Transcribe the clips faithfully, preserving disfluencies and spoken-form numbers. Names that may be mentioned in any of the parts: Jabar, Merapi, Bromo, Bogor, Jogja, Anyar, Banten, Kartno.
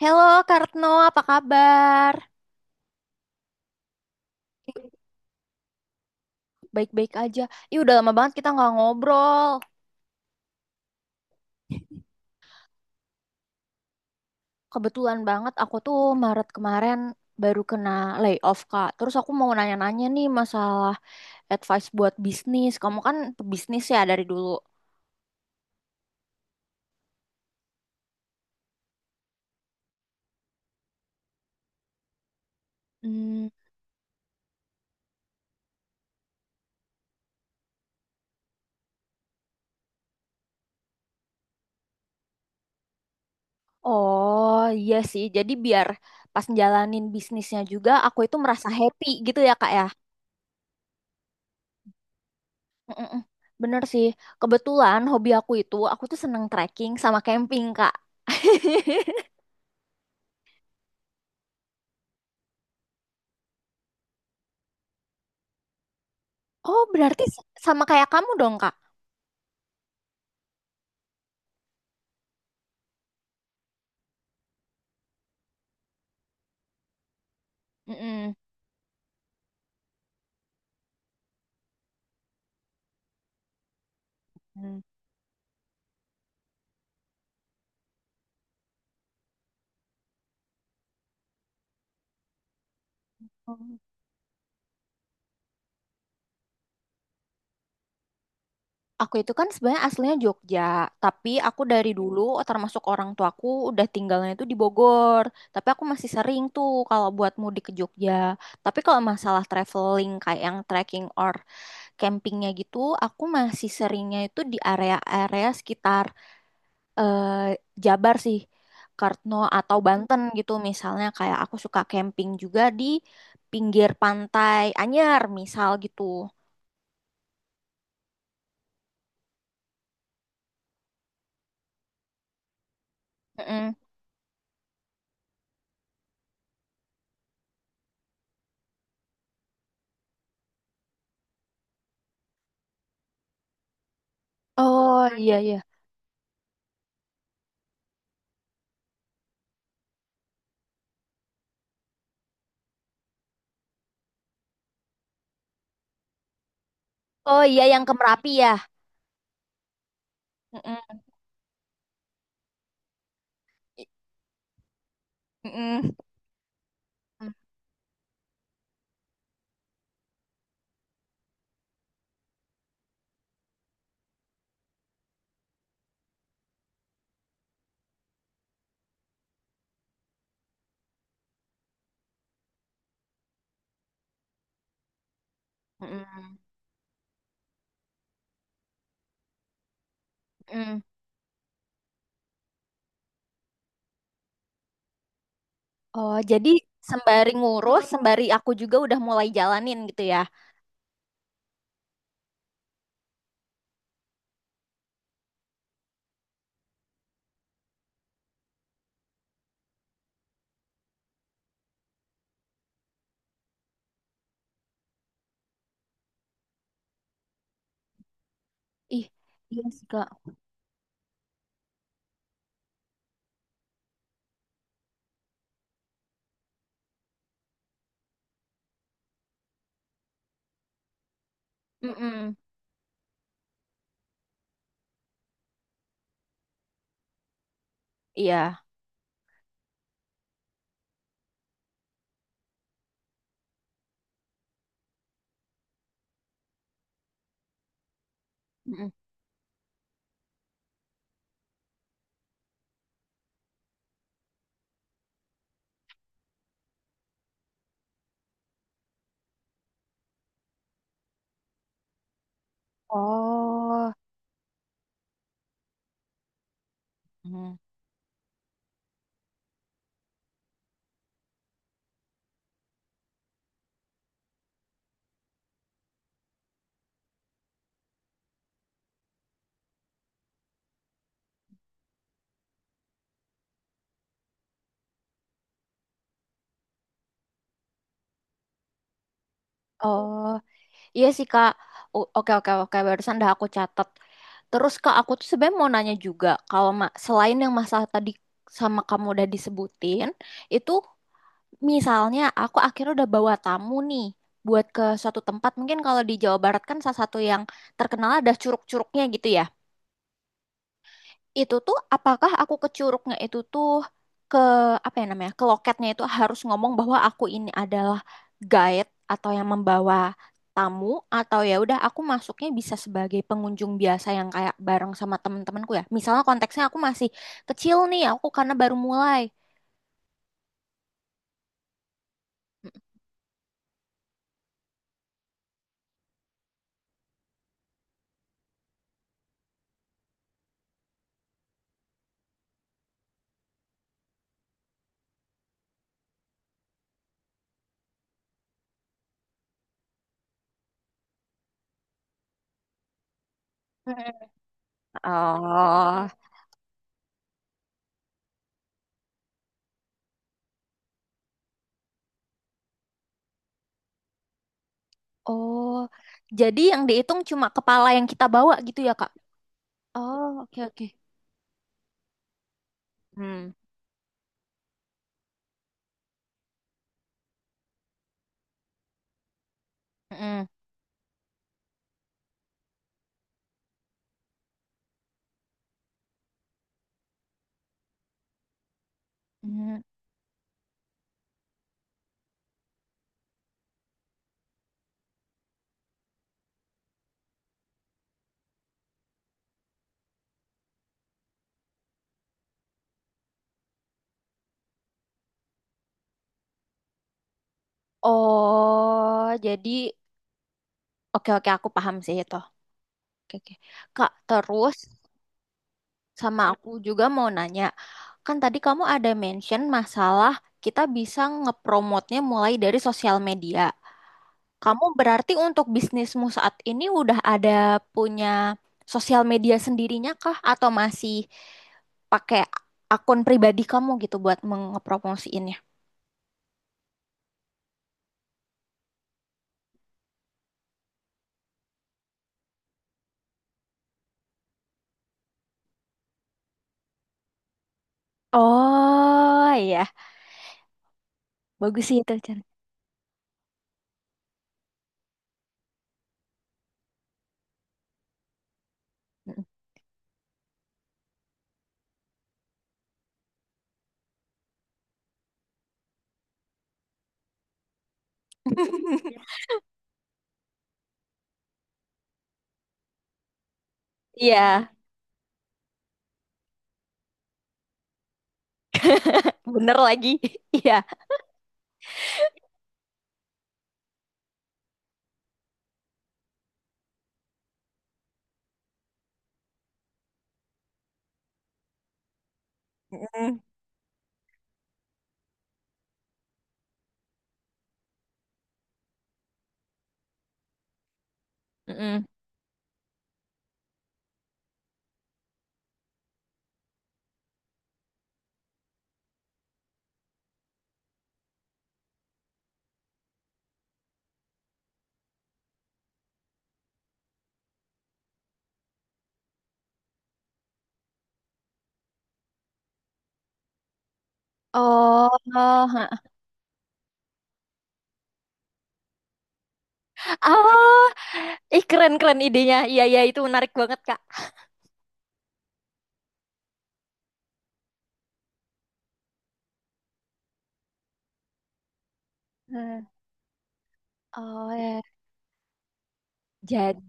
Halo Kartno, apa kabar? Ih, baik-baik aja. Ih, udah lama banget kita nggak ngobrol. Kebetulan banget aku tuh Maret kemarin baru kena layoff, Kak. Terus aku mau nanya-nanya nih masalah advice buat bisnis. Kamu kan pebisnis ya dari dulu. Hmm, oh iya sih. Jadi biar pas jalanin bisnisnya juga aku itu merasa happy gitu ya, Kak ya. Mm-mm. Bener sih. Kebetulan hobi aku itu aku tuh seneng trekking sama camping, Kak. Oh, berarti s- sama kayak kamu dong, Kak. Mm-mm. Hmm. Aku itu kan sebenarnya aslinya Jogja, tapi aku dari dulu termasuk orang tuaku udah tinggalnya itu di Bogor. Tapi aku masih sering tuh kalau buat mudik ke Jogja. Tapi kalau masalah traveling kayak yang trekking or campingnya gitu, aku masih seringnya itu di area-area sekitar eh, Jabar sih, Kartno atau Banten gitu misalnya kayak aku suka camping juga di pinggir pantai Anyar misal gitu. Mm-mm. Oh iya iya. Oh iya yang ke Merapi ya. Mm-mm. Mm-mm. Mm-mm. Mm-mm. Oh jadi sembari ngurus, sembari aku juga udah mulai jalanin gitu ya. Ih, iya sih Kak. Mm-mm. Iya. Mm-mm. Oh. Mm. Oh. Iya sih Kak. O- Oke oke oke barusan dah aku catat. Terus Kak aku tuh sebenarnya mau nanya juga kalau ma- selain yang masalah tadi sama kamu udah disebutin, itu misalnya aku akhirnya udah bawa tamu nih buat ke suatu tempat mungkin kalau di Jawa Barat kan salah satu yang terkenal ada curug-curugnya gitu ya itu tuh apakah aku ke Curugnya itu tuh ke apa ya namanya ke loketnya itu harus ngomong bahwa aku ini adalah guide atau yang membawa tamu atau ya udah aku masuknya bisa sebagai pengunjung biasa yang kayak bareng sama temen temanku ya misalnya konteksnya aku masih kecil nih aku karena baru mulai. Mm-mm. Oh, oh, jadi yang dihitung cuma kepala yang kita bawa gitu ya, Kak? Oh, oke, oke. Hmm. Mm-mm. Mm. Oh, jadi oke, oke, aku paham sih itu. Oke, oke. Kak, terus sama aku juga mau nanya. Kan tadi kamu ada mention masalah kita bisa ngepromotnya mulai dari sosial media. Kamu berarti untuk bisnismu saat ini udah ada punya sosial media sendirinya kah? Atau masih pakai akun pribadi kamu gitu buat mengepromosiinnya? Oh iya, bagus sih itu cara. Iya, bener lagi. Iya. Mm-mm. Mm-mm. Oh, oh, ha. Oh, ih keren keren idenya. Iya iya itu menarik banget Kak. Hmm. Oh ya. Jadi,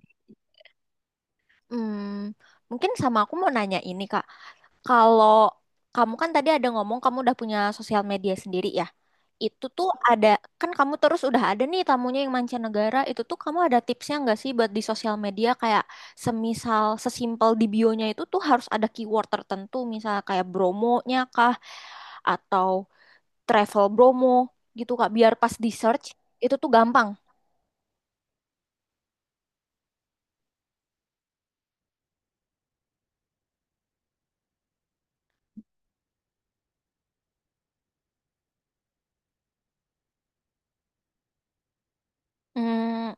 hmm, mungkin sama aku mau nanya ini Kak. Kalau kamu kan tadi ada ngomong kamu udah punya sosial media sendiri ya. Itu tuh ada kan kamu terus udah ada nih tamunya yang mancanegara. Itu tuh kamu ada tipsnya nggak sih buat di sosial media kayak semisal sesimpel di bio-nya itu tuh harus ada keyword tertentu, misal kayak bromonya kah? Atau travel Bromo gitu Kak, biar pas di search itu tuh gampang. Hmm,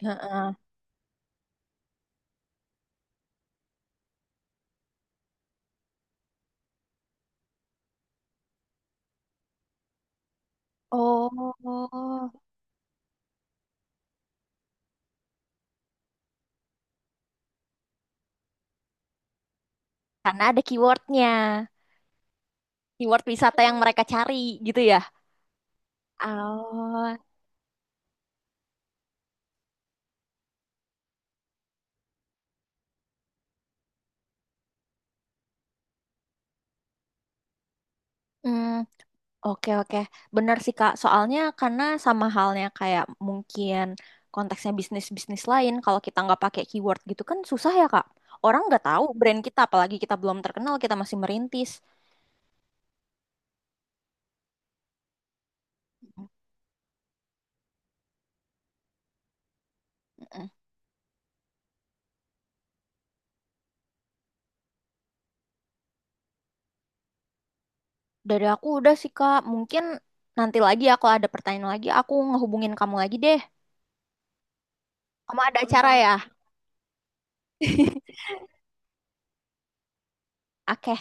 heeh. Oh, karena ada keywordnya, keyword wisata yang mereka cari gitu ya. Oh, hmm, oke oke, benar sih Kak. Soalnya karena sama halnya kayak mungkin konteksnya bisnis-bisnis lain, kalau kita nggak pakai keyword gitu kan susah ya Kak. Orang nggak tahu brand kita, apalagi kita belum terkenal, kita masih merintis. Dari aku udah sih Kak, mungkin nanti lagi ya kalau ada pertanyaan lagi aku ngehubungin kamu lagi deh. Kamu ada acara ya? Oke.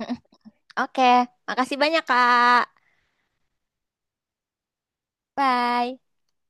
Mm-mm. Oke, makasih banyak Kak. Bye.